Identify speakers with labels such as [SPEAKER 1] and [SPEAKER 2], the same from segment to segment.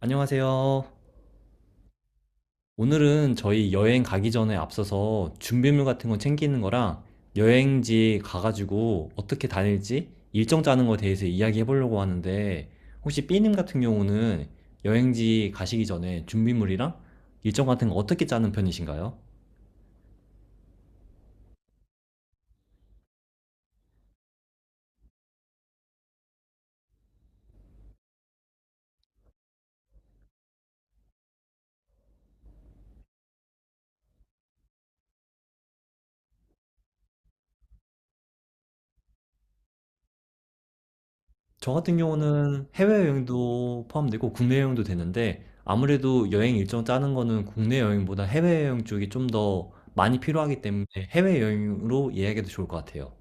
[SPEAKER 1] 안녕하세요. 오늘은 저희 여행 가기 전에 앞서서 준비물 같은 거 챙기는 거랑 여행지 가가지고 어떻게 다닐지 일정 짜는 거에 대해서 이야기해 보려고 하는데, 혹시 B님 같은 경우는 여행지 가시기 전에 준비물이랑 일정 같은 거 어떻게 짜는 편이신가요? 저 같은 경우는 해외여행도 포함되고 국내 여행도 되는데, 아무래도 여행 일정 짜는 거는 국내 여행보다 해외여행 쪽이 좀 더 많이 필요하기 때문에 해외여행으로 예약해도 좋을 것 같아요.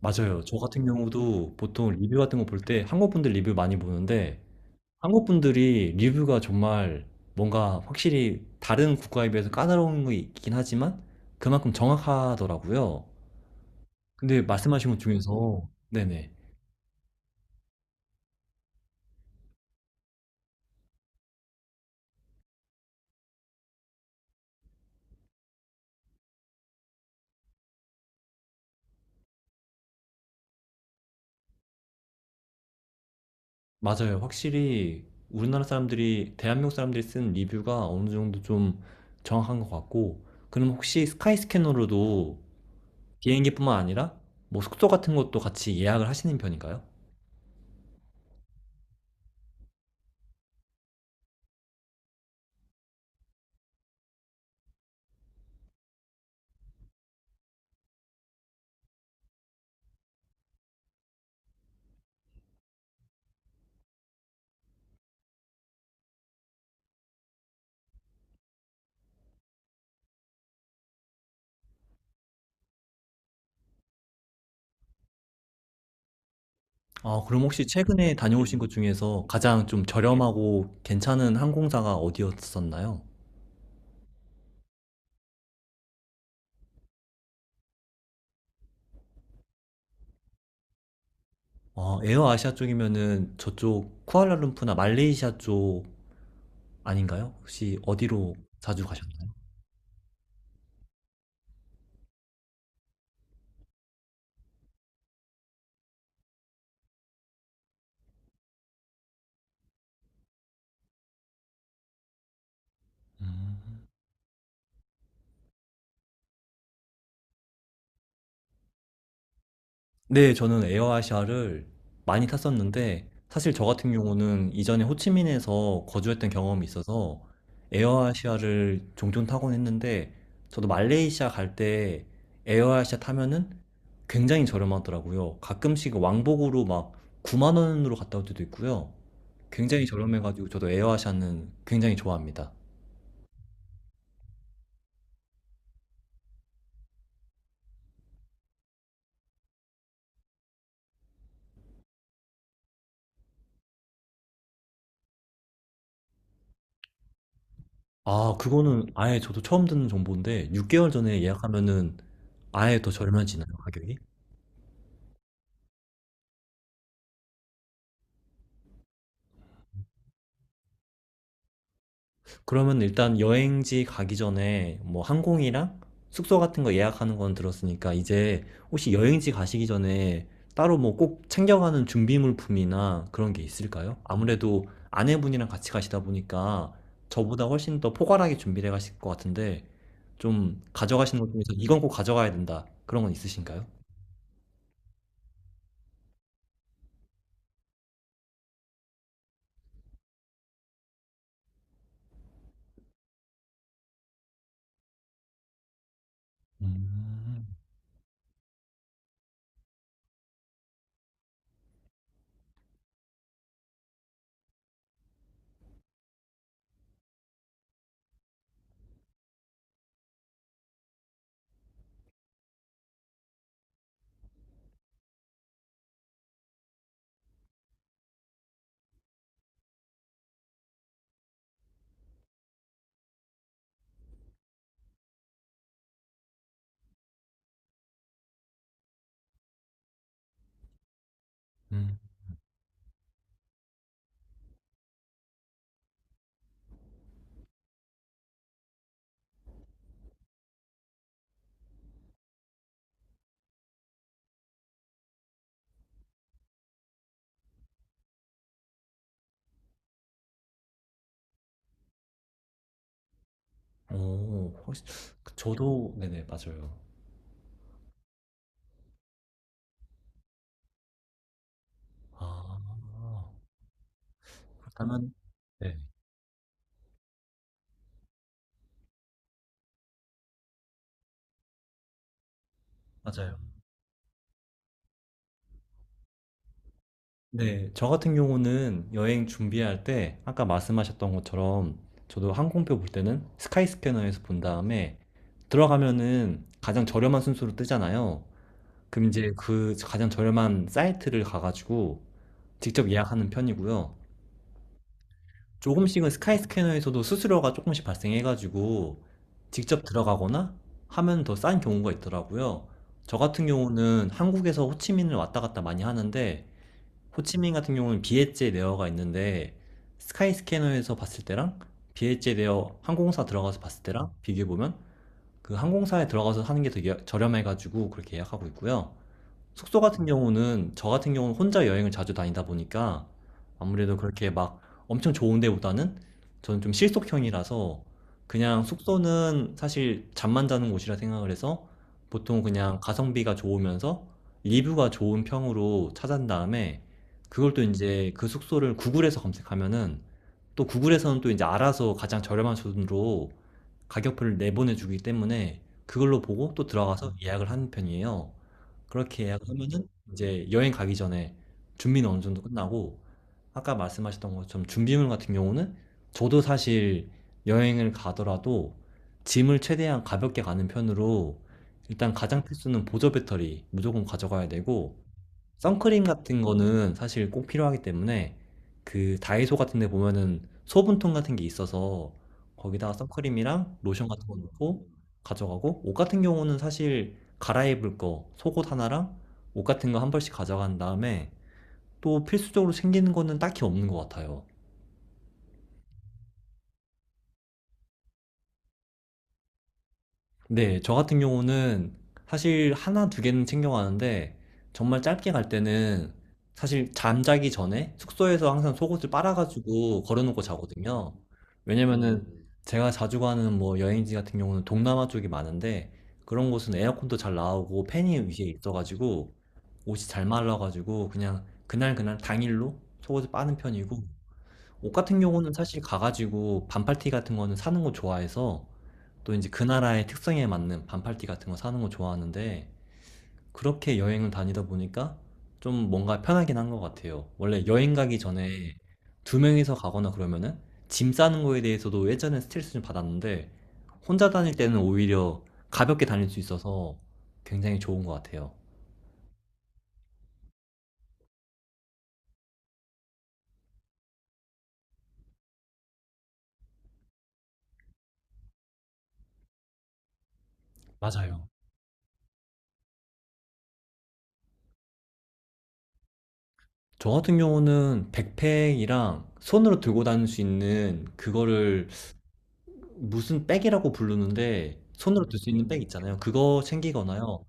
[SPEAKER 1] 맞아요. 저 같은 경우도 보통 리뷰 같은 거 볼 때 한국 분들 리뷰 많이 보는데, 한국 분들이 리뷰가 정말 뭔가 확실히 다른 국가에 비해서 까다로운 거 있긴 하지만 그만큼 정확하더라고요. 근데 말씀하신 것 중에서, 네네. 맞아요. 확실히 우리나라 사람들이, 대한민국 사람들이 쓴 리뷰가 어느 정도 좀 정확한 것 같고. 그럼 혹시 스카이 스캐너로도 비행기뿐만 아니라 뭐 숙소 같은 것도 같이 예약을 하시는 편인가요? 아, 그럼 혹시 최근에 다녀오신 곳 중에서 가장 좀 저렴하고 괜찮은 항공사가 어디였었나요? 아, 에어아시아 쪽이면은 저쪽 쿠알라룸푸나 말레이시아 쪽 아닌가요? 혹시 어디로 자주 가셨나요? 음. 네, 저는 에어아시아를 많이 탔었는데, 사실 저 같은 경우는 이전에 호치민에서 거주했던 경험이 있어서 에어아시아를 종종 타곤 했는데, 저도 말레이시아 갈 때 에어아시아 타면은 굉장히 저렴하더라고요. 가끔씩 왕복으로 막 9만 원으로 갔다 올 때도 있고요. 굉장히 저렴해가지고 저도 에어아시아는 굉장히 좋아합니다. 아, 그거는 아예 저도 처음 듣는 정보인데, 6개월 전에 예약하면은 아예 더 저렴해지나요, 가격이? 그러면 일단 여행지 가기 전에 뭐 항공이랑 숙소 같은 거 예약하는 건 들었으니까, 이제 혹시 여행지 가시기 전에 따로 뭐 꼭 챙겨가는 준비물품이나 그런 게 있을까요? 아무래도 아내분이랑 같이 가시다 보니까 저보다 훨씬 더 포괄하게 준비를 해 가실 것 같은데, 좀 가져가시는 것 중에서 이건 꼭 가져가야 된다, 그런 건 있으신가요? 음. 음. 오, 혹시 그 저도. 네네, 맞아요. 아. 그렇다면, 네, 맞아요. 네. 저 같은 경우는 여행 준비할 때 아까 말씀하셨던 것처럼 저도 항공표 볼 때는 스카이스캐너에서 본 다음에 들어가면은 가장 저렴한 순서로 뜨잖아요. 그럼 이제 그 가장 저렴한 사이트를 가가지고 직접 예약하는 편이고요. 조금씩은 스카이스캐너에서도 수수료가 조금씩 발생해가지고 직접 들어가거나 하면 더 싼 경우가 있더라고요. 저 같은 경우는 한국에서 호치민을 왔다 갔다 많이 하는데, 호치민 같은 경우는 비엣제 레어가 있는데, 스카이스캐너에서 봤을 때랑 비엣제 레어 항공사 들어가서 봤을 때랑 비교해보면 그 항공사에 들어가서 하는 게 되게 저렴해가지고 그렇게 예약하고 있고요. 숙소 같은 경우는, 저 같은 경우는 혼자 여행을 자주 다니다 보니까 아무래도 그렇게 막 엄청 좋은 데보다는, 저는 좀 실속형이라서 그냥 숙소는 사실 잠만 자는 곳이라 생각을 해서 보통 그냥 가성비가 좋으면서 리뷰가 좋은 평으로 찾은 다음에 그걸 또 이제 그 숙소를 구글에서 검색하면은 또 구글에서는 또 이제 알아서 가장 저렴한 돈으로 가격표를 내보내주기 때문에 그걸로 보고 또 들어가서 예약을 하는 편이에요. 그렇게 예약을 하면은 이제 여행 가기 전에 준비는 어느 정도 끝나고, 아까 말씀하셨던 것처럼 준비물 같은 경우는 저도 사실 여행을 가더라도 짐을 최대한 가볍게 가는 편으로, 일단 가장 필수는 보조 배터리 무조건 가져가야 되고, 선크림 같은 거는 사실 꼭 필요하기 때문에 그 다이소 같은 데 보면은 소분통 같은 게 있어서 거기다가 선크림이랑 로션 같은 거 넣고 가져가고, 옷 같은 경우는 사실 갈아입을 거 속옷 하나랑 옷 같은 거 한 벌씩 가져간 다음에 또 필수적으로 챙기는 거는 딱히 없는 것 같아요. 네, 저 같은 경우는 사실 하나, 두 개는 챙겨가는데 정말 짧게 갈 때는 사실 잠자기 전에 숙소에서 항상 속옷을 빨아가지고 걸어놓고 자거든요. 왜냐면은 제가 자주 가는 뭐 여행지 같은 경우는 동남아 쪽이 많은데, 그런 곳은 에어컨도 잘 나오고 팬이 위에 있어가지고 옷이 잘 말라가지고 그냥 그날 그날 당일로 속옷을 빠는 편이고, 옷 같은 경우는 사실 가가지고 반팔티 같은 거는 사는 거 좋아해서 또 이제 그 나라의 특성에 맞는 반팔티 같은 거 사는 거 좋아하는데, 그렇게 여행을 다니다 보니까 좀 뭔가 편하긴 한 것 같아요. 원래 여행 가기 전에 두 명이서 가거나 그러면은 짐 싸는 거에 대해서도 예전에 스트레스 좀 받았는데 혼자 다닐 때는 오히려 가볍게 다닐 수 있어서 굉장히 좋은 것 같아요. 맞아요. 저 같은 경우는 백팩이랑 손으로 들고 다닐 수 있는 그거를 무슨 백이라고 부르는데, 손으로 들 수 있는 백 있잖아요. 그거 챙기거나요.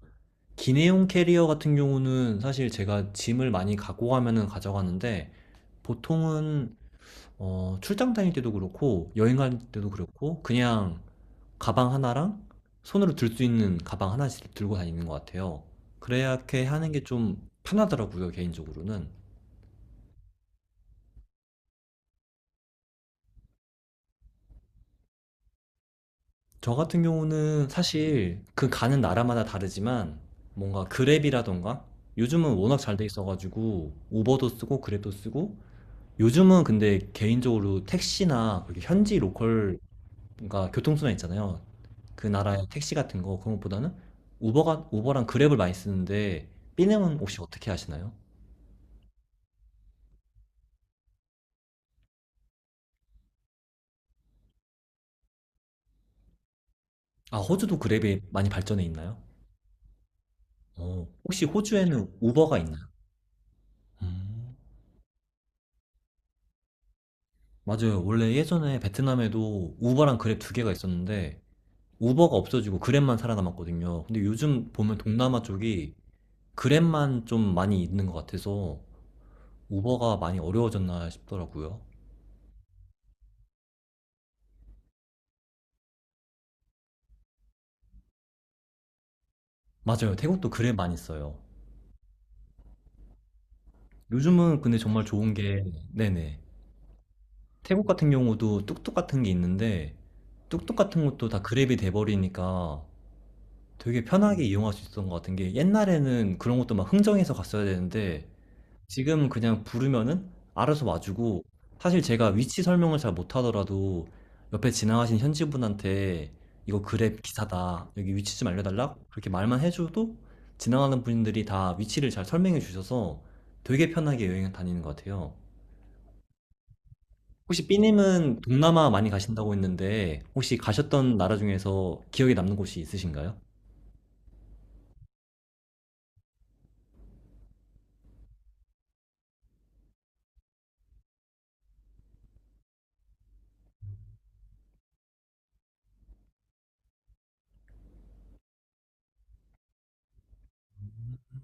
[SPEAKER 1] 기내용 캐리어 같은 경우는 사실 제가 짐을 많이 갖고 가면은 가져가는데, 보통은 출장 다닐 때도 그렇고 여행 갈 때도 그렇고 그냥 가방 하나랑 손으로 들 수 있는 가방 하나씩 들고 다니는 것 같아요. 그래야 이렇게 하는 게 좀 편하더라고요, 개인적으로는. 저 같은 경우는 사실 그 가는 나라마다 다르지만 뭔가 그랩이라던가, 요즘은 워낙 잘 돼 있어가지고 우버도 쓰고 그랩도 쓰고. 요즘은 근데 개인적으로 택시나 그렇게 현지 로컬, 그러니까 교통수단 있잖아요. 그 나라의 택시 같은 거, 그런 것보다는 우버가 우버랑 그랩을 많이 쓰는데, 삐님은 혹시 어떻게 하시나요? 아, 호주도 그랩이 많이 발전해 있나요? 어, 혹시 호주에는 우버가 있나요? 음, 맞아요. 원래 예전에 베트남에도 우버랑 그랩 두 개가 있었는데 우버가 없어지고 그랩만 살아남았거든요. 근데 요즘 보면 동남아 쪽이 그랩만 좀 많이 있는 것 같아서 우버가 많이 어려워졌나 싶더라고요. 맞아요. 태국도 그랩 많이 써요. 요즘은 근데 정말 좋은 게, 네네. 태국 같은 경우도 뚝뚝 같은 게 있는데, 뚝뚝 같은 것도 다 그랩이 돼버리니까 되게 편하게 이용할 수 있었던 것 같은 게, 옛날에는 그런 것도 막 흥정해서 갔어야 되는데, 지금 그냥 부르면은 알아서 와주고, 사실 제가 위치 설명을 잘 못하더라도 옆에 지나가신 현지 분한테 이거 그랩 기사다, 여기 위치 좀 알려달라, 그렇게 말만 해줘도 지나가는 분들이 다 위치를 잘 설명해 주셔서 되게 편하게 여행 다니는 것 같아요. 혹시 삐님은 동남아 많이 가신다고 했는데 혹시 가셨던 나라 중에서 기억에 남는 곳이 있으신가요?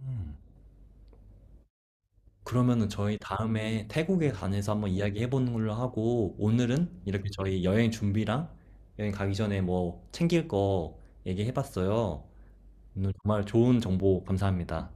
[SPEAKER 1] 음. 그러면은 저희 다음에 태국에 관해서 한번 이야기해 보는 걸로 하고, 오늘은 이렇게 저희 여행 준비랑 여행 가기 전에 뭐 챙길 거 얘기해 봤어요. 오늘 정말 좋은 정보 감사합니다.